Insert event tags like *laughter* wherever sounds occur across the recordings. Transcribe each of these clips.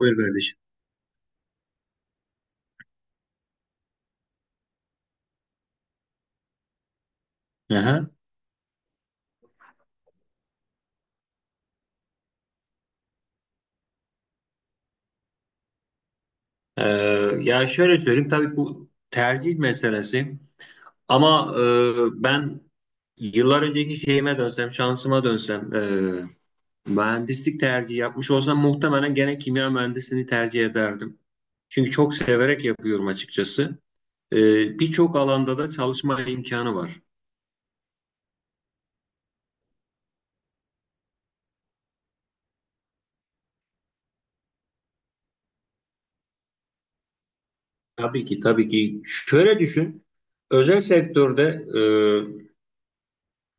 Buyur kardeşim. Aha. Ee, Ya şöyle söyleyeyim, tabii bu tercih meselesi, ama ben yıllar önceki şeyime dönsem, şansıma dönsem, mühendislik tercihi yapmış olsam, muhtemelen gene kimya mühendisliğini tercih ederdim. Çünkü çok severek yapıyorum açıkçası. E, Birçok alanda da çalışma imkanı var. Tabii ki tabii ki şöyle düşün, özel sektörde e,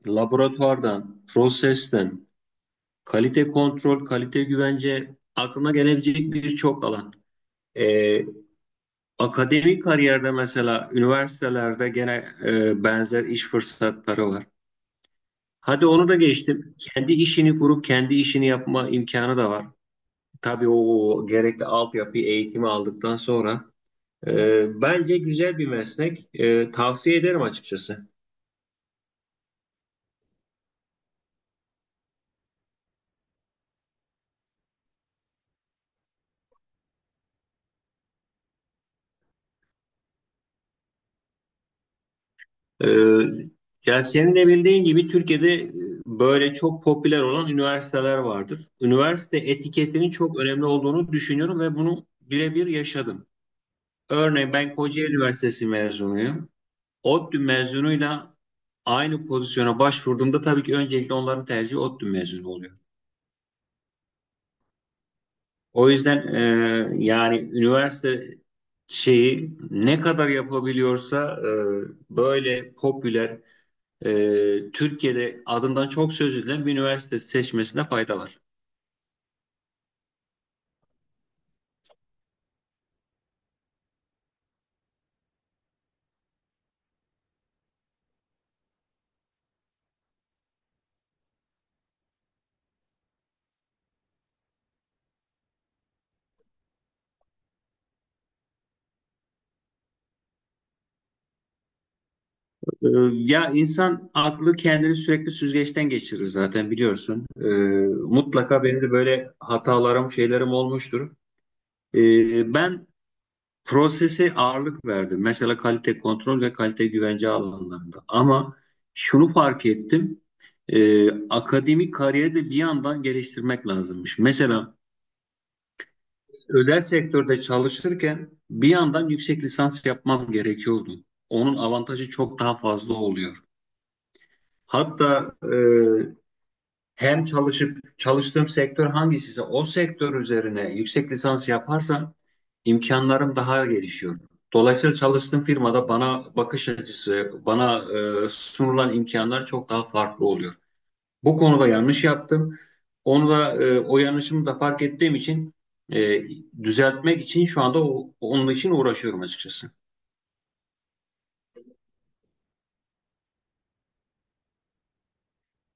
laboratuvardan, prosesten, kalite kontrol, kalite güvence aklına gelebilecek birçok alan. Ee, Akademik kariyerde, mesela üniversitelerde gene benzer iş fırsatları var. Hadi onu da geçtim. Kendi işini kurup kendi işini yapma imkanı da var. Tabii o gerekli altyapıyı, eğitimi aldıktan sonra. Bence güzel bir meslek. Tavsiye ederim açıkçası. Ee, Ya senin de bildiğin gibi Türkiye'de böyle çok popüler olan üniversiteler vardır. Üniversite etiketinin çok önemli olduğunu düşünüyorum ve bunu birebir yaşadım. Örneğin ben Kocaeli Üniversitesi mezunuyum. ODTÜ mezunuyla aynı pozisyona başvurduğumda tabii ki öncelikle onların tercihi ODTÜ mezunu oluyor. O yüzden yani üniversite şeyi ne kadar yapabiliyorsa böyle popüler, Türkiye'de adından çok söz edilen bir üniversite seçmesine fayda var. E, Ya insan aklı kendini sürekli süzgeçten geçirir zaten, biliyorsun. Mutlaka benim de böyle hatalarım, şeylerim olmuştur. Ben prosese ağırlık verdim. Mesela kalite kontrol ve kalite güvence alanlarında. Ama şunu fark ettim. Akademik kariyeri de bir yandan geliştirmek lazımmış. Mesela özel sektörde çalışırken bir yandan yüksek lisans yapmam gerekiyordu. Onun avantajı çok daha fazla oluyor. Hatta hem çalışıp çalıştığım sektör hangisiyse o sektör üzerine yüksek lisans yaparsam imkanlarım daha gelişiyor. Dolayısıyla çalıştığım firmada bana bakış açısı, bana sunulan imkanlar çok daha farklı oluyor. Bu konuda yanlış yaptım. Onu da o yanlışımı da fark ettiğim için e, düzeltmek için şu anda onun için uğraşıyorum açıkçası.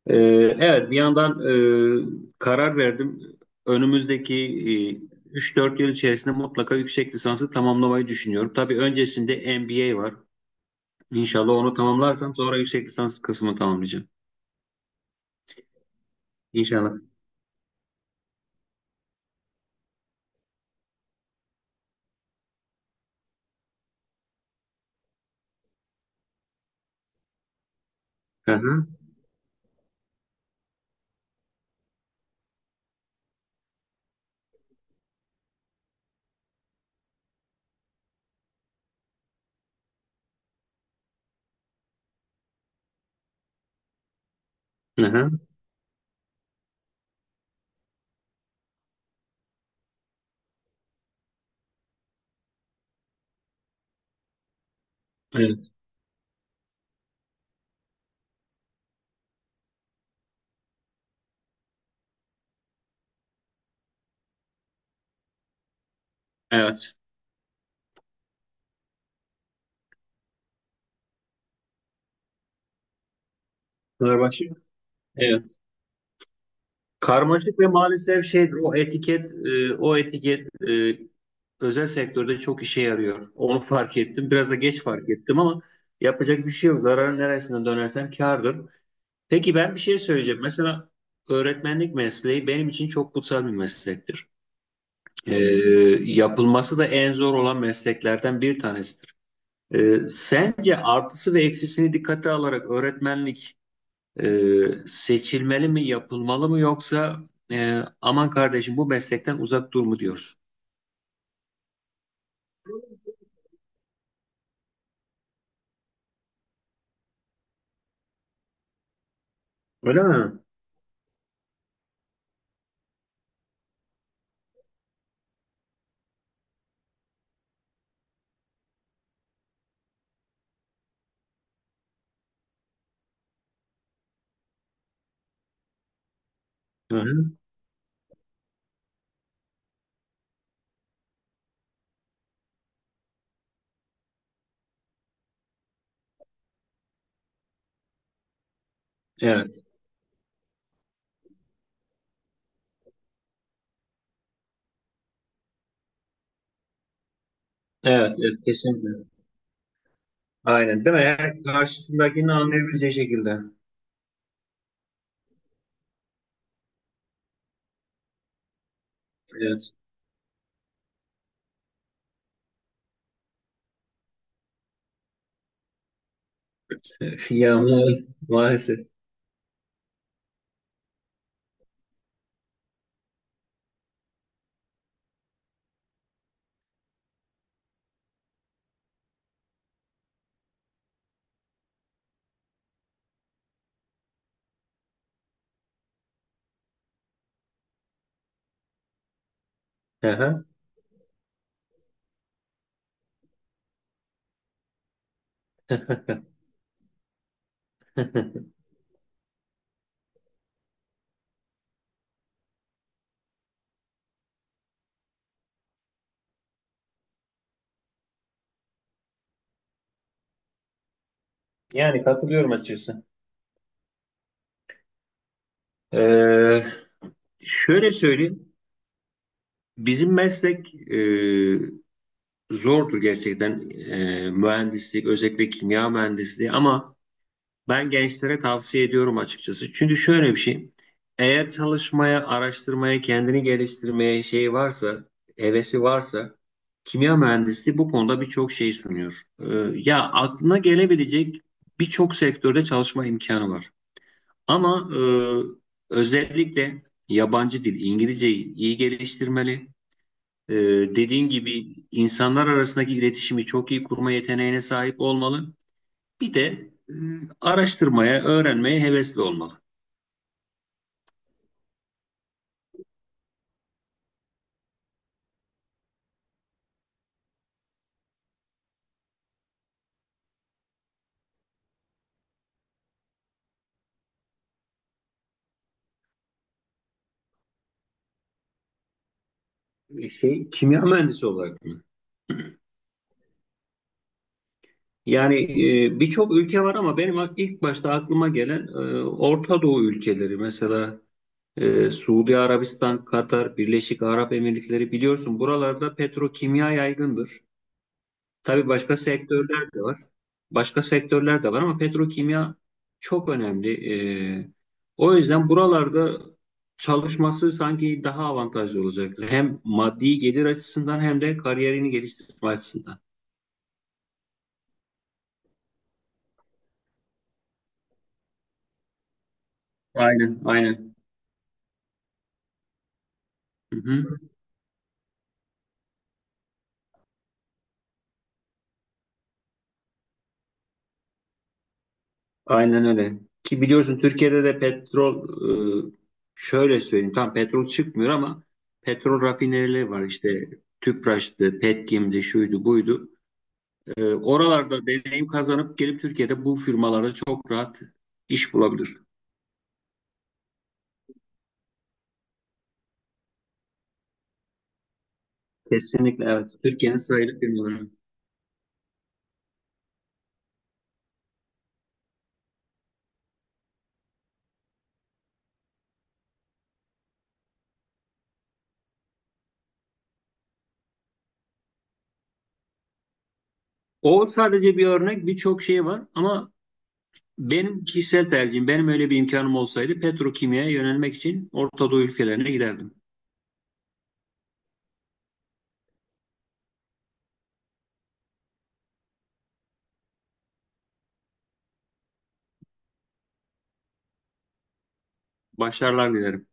E, evet, bir yandan karar verdim. Önümüzdeki 3-4 yıl içerisinde mutlaka yüksek lisansı tamamlamayı düşünüyorum. Tabii öncesinde MBA var. İnşallah onu tamamlarsam sonra yüksek lisans kısmını tamamlayacağım. İnşallah. Hı hı. Hı hı. Evet. Evet. Pınarbaşı. Evet. Karmaşık ve maalesef şeydir. O etiket, o etiket, özel sektörde çok işe yarıyor. Onu fark ettim. Biraz da geç fark ettim, ama yapacak bir şey yok. Zararın neresinden dönersem kârdır. Peki, ben bir şey söyleyeceğim. Mesela öğretmenlik mesleği benim için çok kutsal bir meslektir. E, Yapılması da en zor olan mesleklerden bir tanesidir. Sence artısı ve eksisini dikkate alarak öğretmenlik seçilmeli mi, yapılmalı mı, yoksa aman kardeşim bu meslekten uzak dur mu diyoruz? Öyle mi? Hı hı. Evet, evet, evet, kesinlikle. Aynen, değil mi? Yani karşısındakini anlayabileceği şekilde. Evet. *laughs* Ya maalesef. Hı hı. Yani katılıyorum açıkçası. Ee, Şöyle söyleyeyim. Bizim meslek, zordur gerçekten. Mühendislik, özellikle kimya mühendisliği, ama ben gençlere tavsiye ediyorum açıkçası. Çünkü şöyle bir şey. Eğer çalışmaya, araştırmaya, kendini geliştirmeye şey varsa, hevesi varsa, kimya mühendisliği bu konuda birçok şey sunuyor. Ee, Ya aklına gelebilecek birçok sektörde çalışma imkanı var. Ama özellikle yabancı dil, İngilizceyi iyi geliştirmeli. Ee, Dediğin gibi insanlar arasındaki iletişimi çok iyi kurma yeteneğine sahip olmalı. Bir de e, araştırmaya, öğrenmeye hevesli olmalı. Şey, kimya mühendisi olarak mı? Yani birçok ülke var ama benim ilk başta aklıma gelen Orta Doğu ülkeleri. Mesela Suudi Arabistan, Katar, Birleşik Arap Emirlikleri, biliyorsun buralarda petrokimya yaygındır. Tabii başka sektörler de var. Başka sektörler de var ama petrokimya çok önemli. Ee, O yüzden buralarda çalışması sanki daha avantajlı olacaktır. Hem maddi gelir açısından hem de kariyerini geliştirme açısından. Aynen, aynen. Hı hı. Aynen öyle. Ki biliyorsun Türkiye'de de petrol, e, şöyle söyleyeyim, tam petrol çıkmıyor ama petrol rafinerileri var işte. Tüpraş'tı, Petkim'di, şuydu, buydu. Oralarda deneyim kazanıp gelip Türkiye'de bu firmalara çok rahat iş bulabilir. Kesinlikle evet. Türkiye'nin sayılı firmaları. O sadece bir örnek, birçok şey var ama benim kişisel tercihim, benim öyle bir imkanım olsaydı, petrokimyaya yönelmek için Orta Doğu ülkelerine giderdim. Başarılar dilerim.